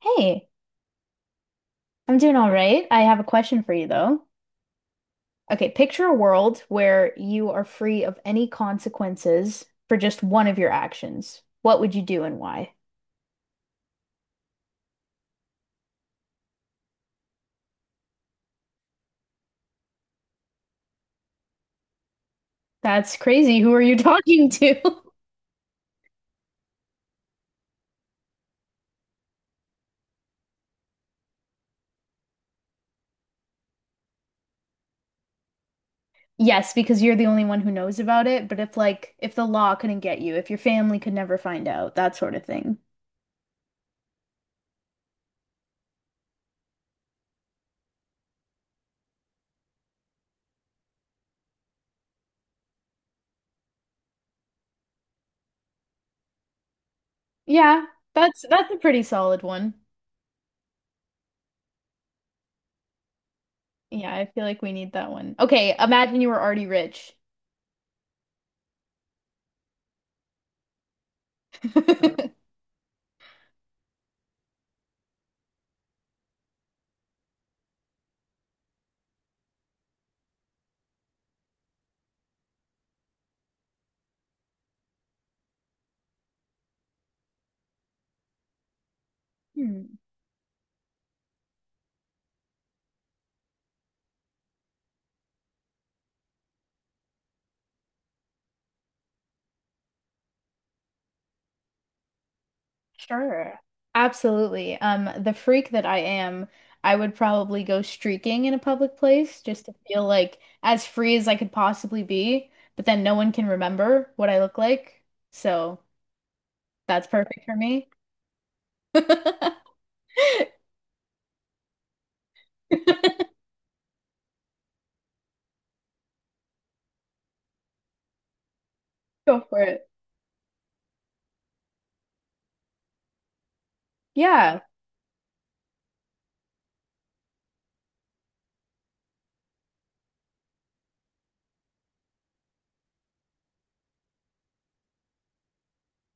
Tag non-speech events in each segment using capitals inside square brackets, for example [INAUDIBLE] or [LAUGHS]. Hey, I'm doing all right. I have a question for you though. Okay, picture a world where you are free of any consequences for just one of your actions. What would you do and why? That's crazy. Who are you talking to? [LAUGHS] Yes, because you're the only one who knows about it, but if the law couldn't get you, if your family could never find out, that sort of thing. Yeah, that's a pretty solid one. Yeah, I feel like we need that one. Okay, imagine you were already rich. [LAUGHS] Hmm. Sure. Absolutely. The freak that I am, I would probably go streaking in a public place just to feel like as free as I could possibly be, but then no one can remember what I look like. So that's perfect for me. [LAUGHS] Go for it. Yeah.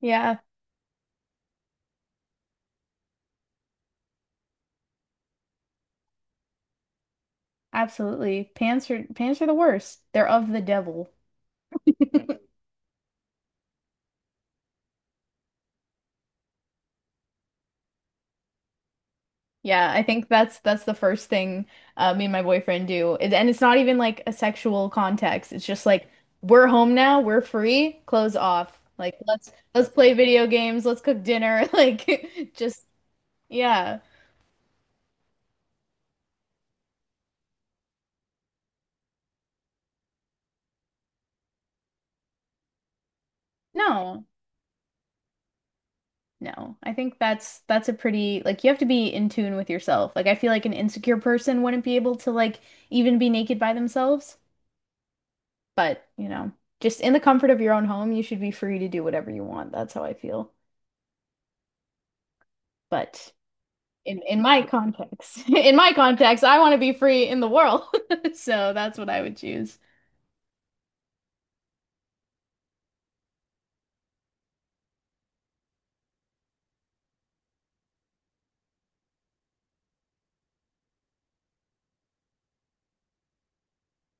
Yeah, absolutely. Pants are the worst. They're of the devil. [LAUGHS] Yeah, I think that's the first thing me and my boyfriend do. And it's not even like a sexual context. It's just like we're home now, we're free, clothes off. Like let's play video games, let's cook dinner, [LAUGHS] like just yeah. No. No. I think that's a pretty like you have to be in tune with yourself. Like I feel like an insecure person wouldn't be able to like even be naked by themselves, but you know, just in the comfort of your own home, you should be free to do whatever you want. That's how I feel. But in my context. [LAUGHS] In my context, I want to be free in the world. [LAUGHS] So that's what I would choose.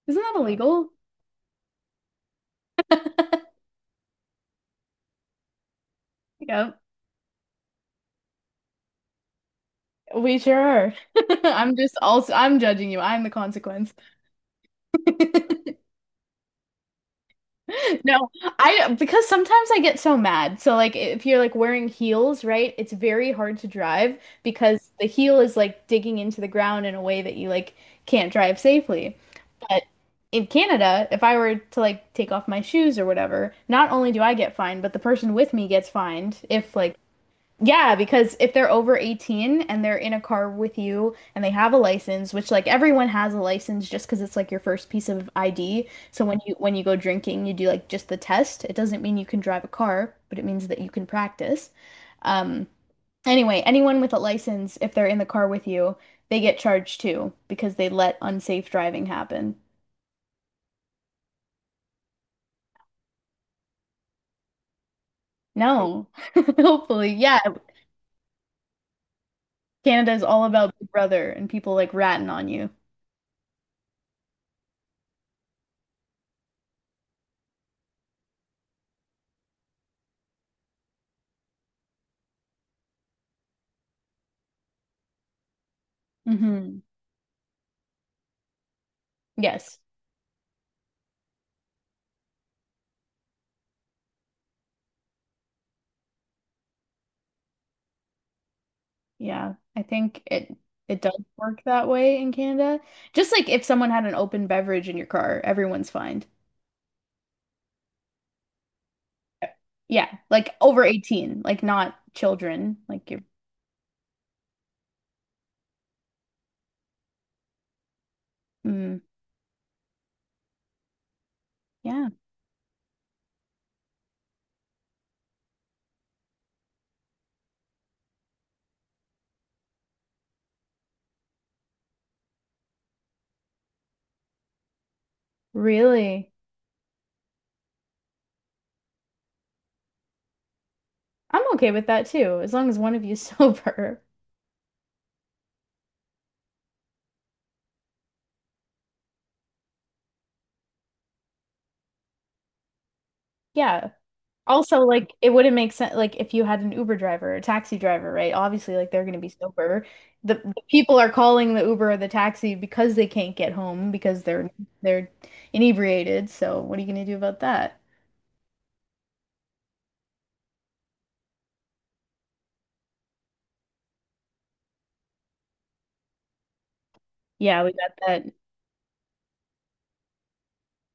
Isn't that illegal? Yeah, we sure are. [LAUGHS] I'm just also I'm judging you. I'm the consequence. [LAUGHS] No, I because sometimes I get so mad. So like if you're like wearing heels, right? It's very hard to drive because the heel is like digging into the ground in a way that you like can't drive safely. But in Canada, if I were to like take off my shoes or whatever, not only do I get fined, but the person with me gets fined if like yeah, because if they're over 18 and they're in a car with you and they have a license, which like everyone has a license just because it's like your first piece of ID. So when you go drinking, you do like just the test. It doesn't mean you can drive a car, but it means that you can practice. Um, anyway, anyone with a license, if they're in the car with you, they get charged too because they let unsafe driving happen. No. [LAUGHS] Hopefully. Yeah. Canada is all about Big Brother and people like ratting on you. Hmm. Yes. Yeah. I think it does work that way in Canada. Just like if someone had an open beverage in your car, everyone's fined. Yeah. Like over 18, like not children. Like you're mm, yeah. Really? I'm okay with that too, as long as one of you's [LAUGHS] sober. Yeah. Also, like it wouldn't make sense like if you had an Uber driver or a taxi driver, right? Obviously, like they're gonna be sober. The people are calling the Uber or the taxi because they can't get home because they're inebriated. So what are you gonna do about that? Yeah, we got that.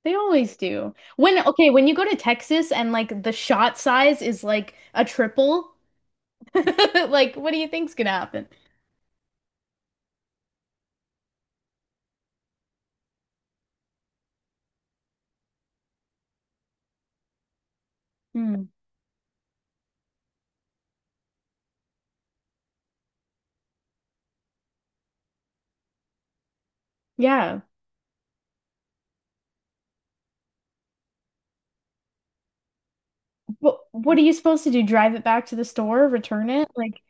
They always do. When okay, when you go to Texas and like the shot size is like a triple, [LAUGHS] like what do you think's gonna happen? Hmm. Yeah. What are you supposed to do? Drive it back to the store, return it? Like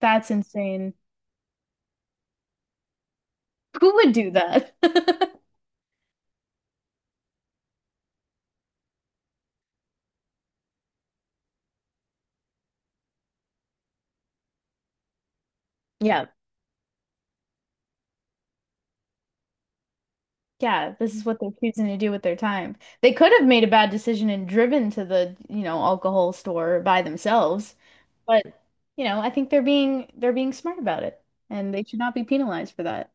that's insane. Who would do that? [LAUGHS] Yeah. Yeah, this is what they're choosing to do with their time. They could have made a bad decision and driven to the, you know, alcohol store by themselves, but you know, I think they're being smart about it and they should not be penalized for that.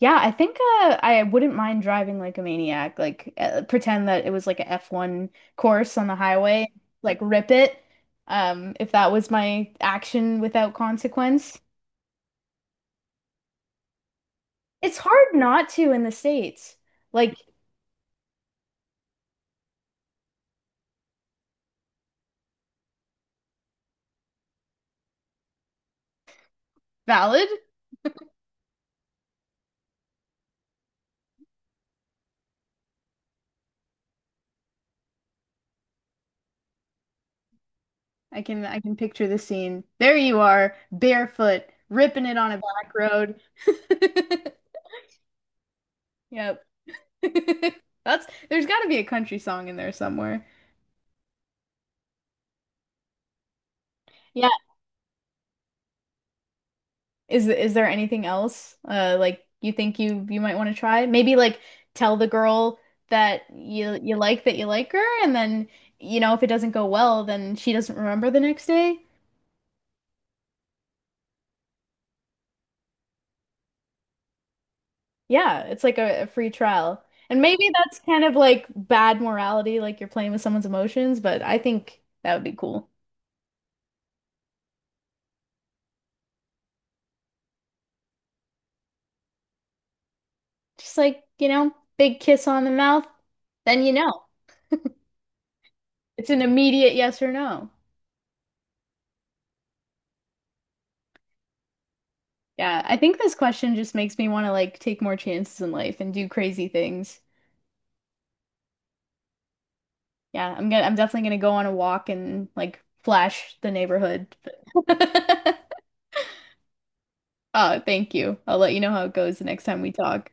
Yeah, I think I wouldn't mind driving like a maniac, like pretend that it was like a F1 course on the highway, like rip it, if that was my action without consequence. It's hard not to in the States. Like valid. I can picture the scene. There you are, barefoot, ripping it on a black road. [LAUGHS] Yep. [LAUGHS] That's there's got to be a country song in there somewhere. Yeah. Is there anything else like you think you might want to try? Maybe like tell the girl that you like her and then you know if it doesn't go well then she doesn't remember the next day. Yeah, it's like a free trial. And maybe that's kind of like bad morality, like you're playing with someone's emotions, but I think that would be cool. Just like, you know, big kiss on the mouth, then you know. It's an immediate yes or no. Yeah, I think this question just makes me want to like take more chances in life and do crazy things. Yeah, I'm definitely gonna go on a walk and like flash the neighborhood. [LAUGHS] Oh, thank you. I'll let you know how it goes the next time we talk.